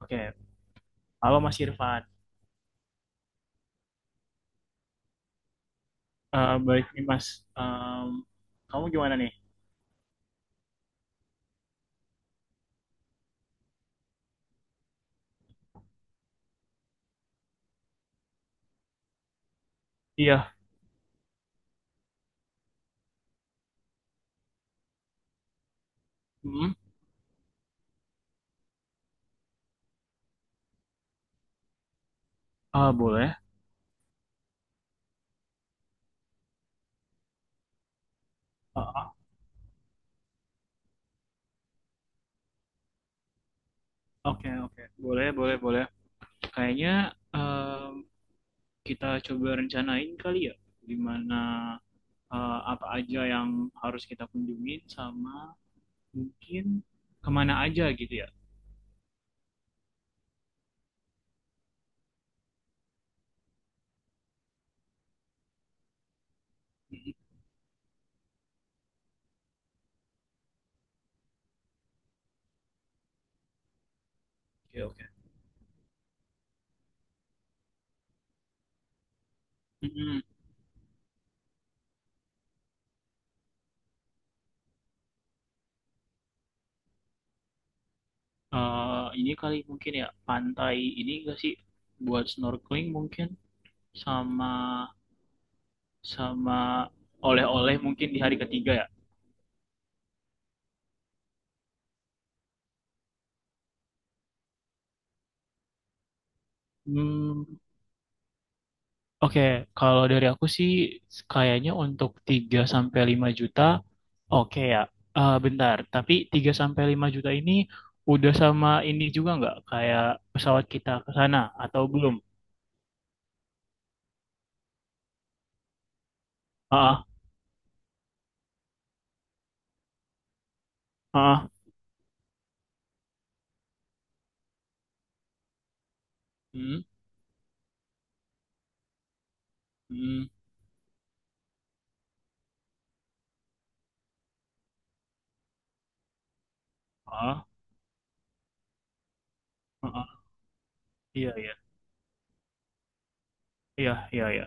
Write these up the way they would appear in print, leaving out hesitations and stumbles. Oke, halo Mas Irfan. Baik nih Mas, Em, kamu gimana nih? Iya. Hmm? Ah, boleh. Ah, ah, oke, oke. Boleh, boleh, boleh. Kayaknya em, kita coba rencanain kali ya, gimana apa aja yang harus kita kunjungin sama mungkin kemana aja gitu ya. mm Oke, oke. mm ini kali mungkin ya pantai ini gak sih buat snorkeling mungkin sama sama oleh-oleh mungkin di hari ketiga ya. Hmm, oke, kalau dari aku sih kayaknya untuk 3 sampai 5 juta oke ya. Bentar, tapi 3 sampai 5 juta ini udah sama ini juga nggak kayak pesawat kita ke sana atau belum? Ah, ah, ah, hmm, hmm, ah, ah, ah. Iya, iya, iya, iya, iya,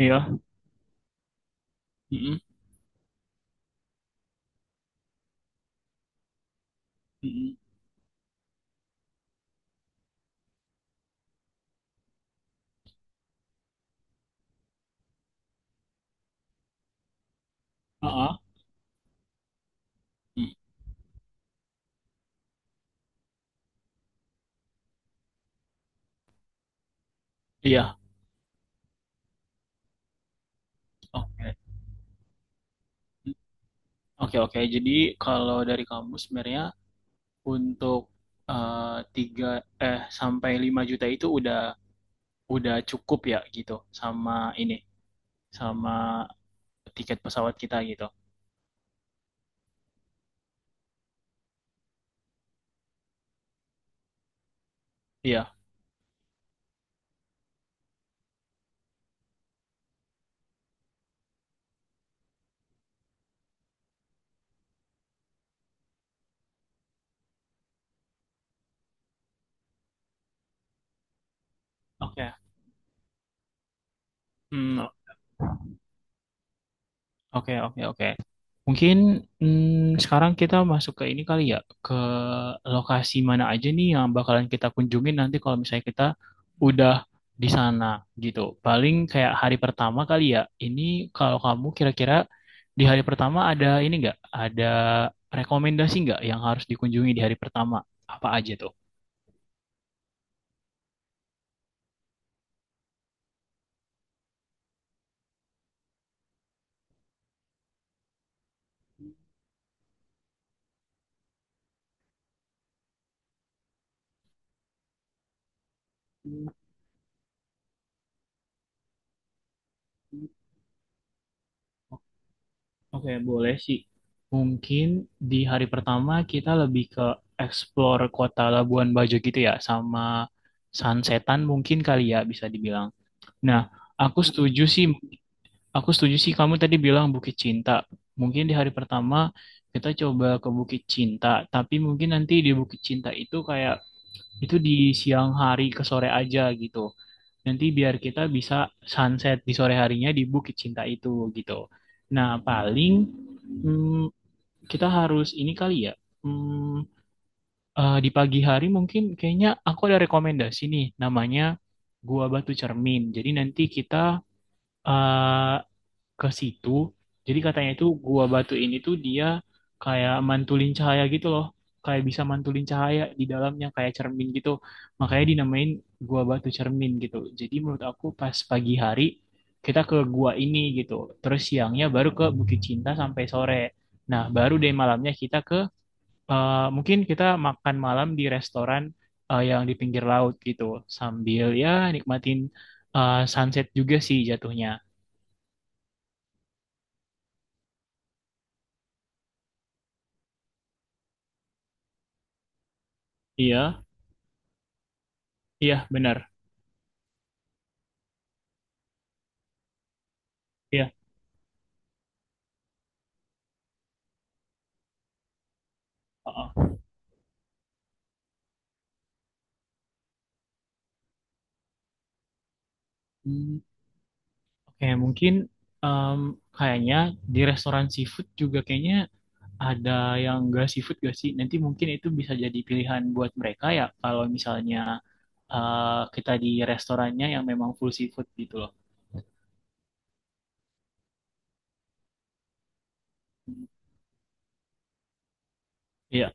iya, hmm, hmm, ah, ah, hmm, iya, oke. Oke, oke. Jadi kalau dari kamu sebenarnya untuk tiga sampai 5 juta itu udah cukup ya gitu sama ini sama tiket pesawat kita gitu. Iya. Oke. Okay. Hmm, oke, oke, oke. Mungkin sekarang kita masuk ke ini kali ya, ke lokasi mana aja nih yang bakalan kita kunjungin nanti kalau misalnya kita udah di sana gitu. Paling kayak hari pertama kali ya. Ini kalau kamu kira-kira di hari pertama ada ini nggak? Ada rekomendasi nggak yang harus dikunjungi di hari pertama? Apa aja tuh? Oke, boleh sih. Mungkin di hari pertama kita lebih ke explore kota Labuan Bajo gitu ya, sama sunsetan mungkin kali ya bisa dibilang. Nah, aku setuju sih, aku setuju sih kamu tadi bilang Bukit Cinta. Mungkin di hari pertama kita coba ke Bukit Cinta, tapi mungkin nanti di Bukit Cinta itu kayak itu di siang hari ke sore aja gitu. Nanti biar kita bisa sunset di sore harinya di Bukit Cinta itu gitu. Nah, paling hmm, kita harus ini kali ya. Hmm, di pagi hari mungkin kayaknya aku ada rekomendasi nih namanya Gua Batu Cermin. Jadi nanti kita eh, ke situ. Jadi katanya itu Gua Batu ini tuh dia kayak mantulin cahaya gitu loh. Kayak bisa mantulin cahaya di dalamnya kayak cermin gitu. Makanya dinamain Gua Batu Cermin gitu. Jadi menurut aku pas pagi hari kita ke gua ini gitu. Terus siangnya baru ke Bukit Cinta sampai sore. Nah, baru deh malamnya kita ke mungkin kita makan malam di restoran yang di pinggir laut gitu sambil ya nikmatin sunset juga sih jatuhnya. Iya, iya benar. Iya. Heeh. Hmm, oke, mungkin em, kayaknya di restoran seafood juga kayaknya ada yang nggak seafood gak sih? Nanti mungkin itu bisa jadi pilihan buat mereka ya kalau misalnya kita di restorannya yang memang full seafood gitu loh. Iya,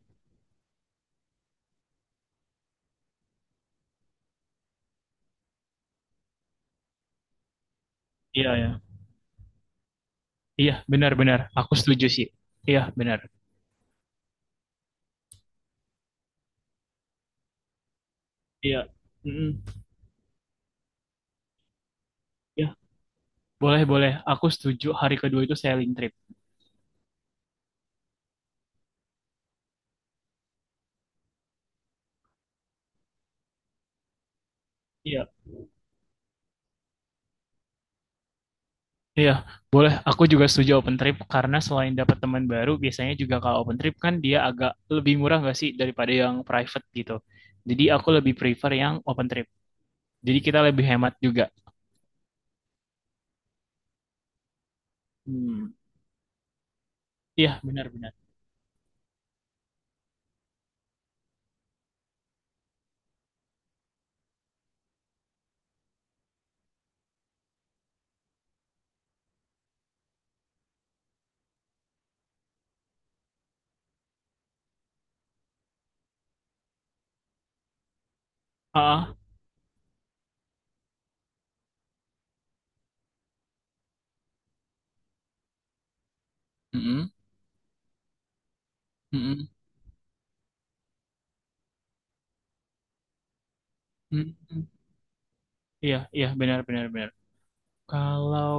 iya, iya. Iya, benar-benar. Aku setuju sih. Iya, benar. Iya. Mm-mm. Ya, boleh, boleh. Aku setuju hari kedua itu sailing trip. Iya. Iya, boleh. Aku juga setuju open trip karena selain dapat teman baru, biasanya juga kalau open trip kan dia agak lebih murah nggak sih daripada yang private gitu. Jadi aku lebih prefer yang open trip. Jadi kita lebih hemat juga. Hmm. Iya, benar-benar. Ah, mm-mm, mm-mm, mm-mm. Iya, iya, benar-benar benar. Kalau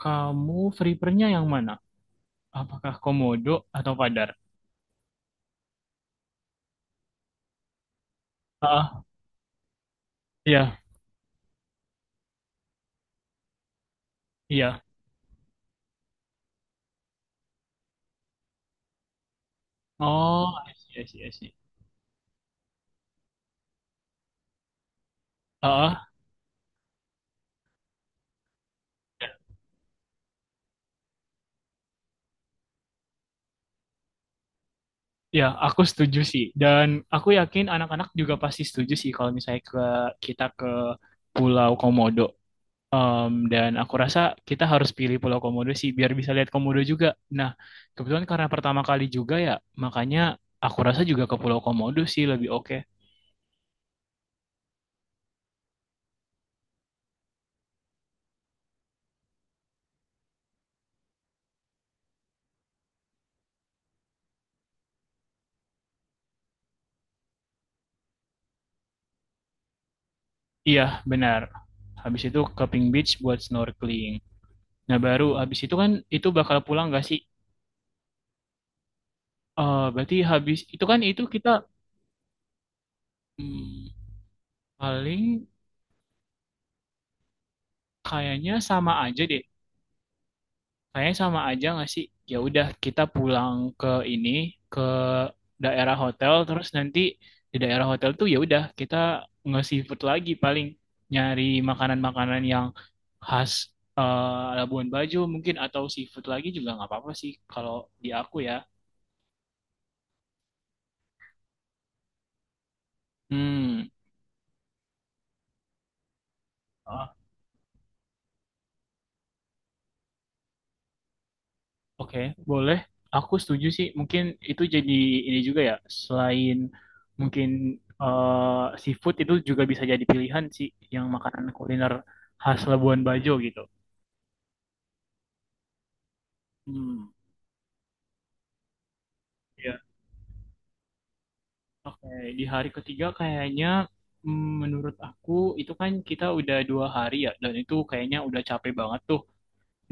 kamu free nya yang mana? Apakah Komodo atau Padar? Ah, iya, iya. Oh, I see, I see, I see. Heeh. Ya, aku setuju sih. Dan aku yakin anak-anak juga pasti setuju sih kalau misalnya kita ke Pulau Komodo. Dan aku rasa kita harus pilih Pulau Komodo sih biar bisa lihat Komodo juga. Nah, kebetulan karena pertama kali juga ya, makanya aku rasa juga ke Pulau Komodo sih lebih oke. Iya, benar. Habis itu ke Pink Beach buat snorkeling. Nah, baru habis itu kan itu bakal pulang gak sih? Berarti habis itu kan itu kita hmm, paling kayaknya sama aja deh. Kayaknya sama aja nggak sih? Ya udah kita pulang ke ini ke daerah hotel terus nanti di daerah hotel tuh ya udah kita nge-seafood lagi paling nyari makanan-makanan yang khas Labuan Bajo mungkin atau seafood lagi juga nggak apa-apa sih kalau di aku ya. Hmm. Oke, boleh. Aku setuju sih. Mungkin itu jadi ini juga ya. Selain mungkin seafood itu juga bisa jadi pilihan sih yang makanan kuliner khas Labuan Bajo gitu. Hmm. Ya. Oke, di hari ketiga kayaknya menurut aku itu kan kita udah 2 hari ya dan itu kayaknya udah capek banget tuh.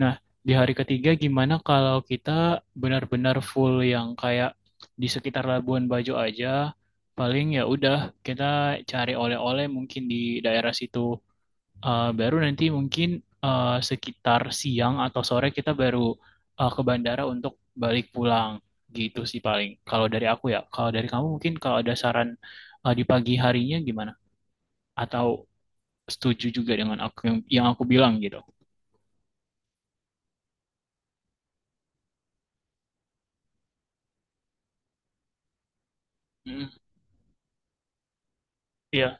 Nah, di hari ketiga gimana kalau kita benar-benar full yang kayak di sekitar Labuan Bajo aja, paling ya udah kita cari oleh-oleh mungkin di daerah situ. Baru nanti mungkin sekitar siang atau sore kita baru ke bandara untuk balik pulang. Gitu sih paling. Kalau dari aku ya, kalau dari kamu mungkin kalau ada saran di pagi harinya gimana? Atau setuju juga dengan aku yang aku bilang gitu? Hmm, iya,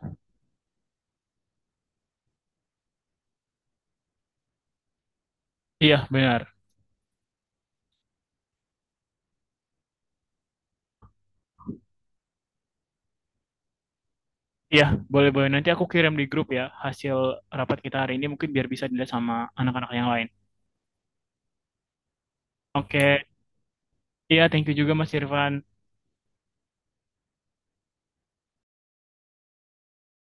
iya benar. Iya, boleh-boleh. Nanti aku kirim di grup ya hasil rapat kita hari ini mungkin biar bisa dilihat sama anak-anak yang lain. Oke, iya, thank you juga Mas Irfan.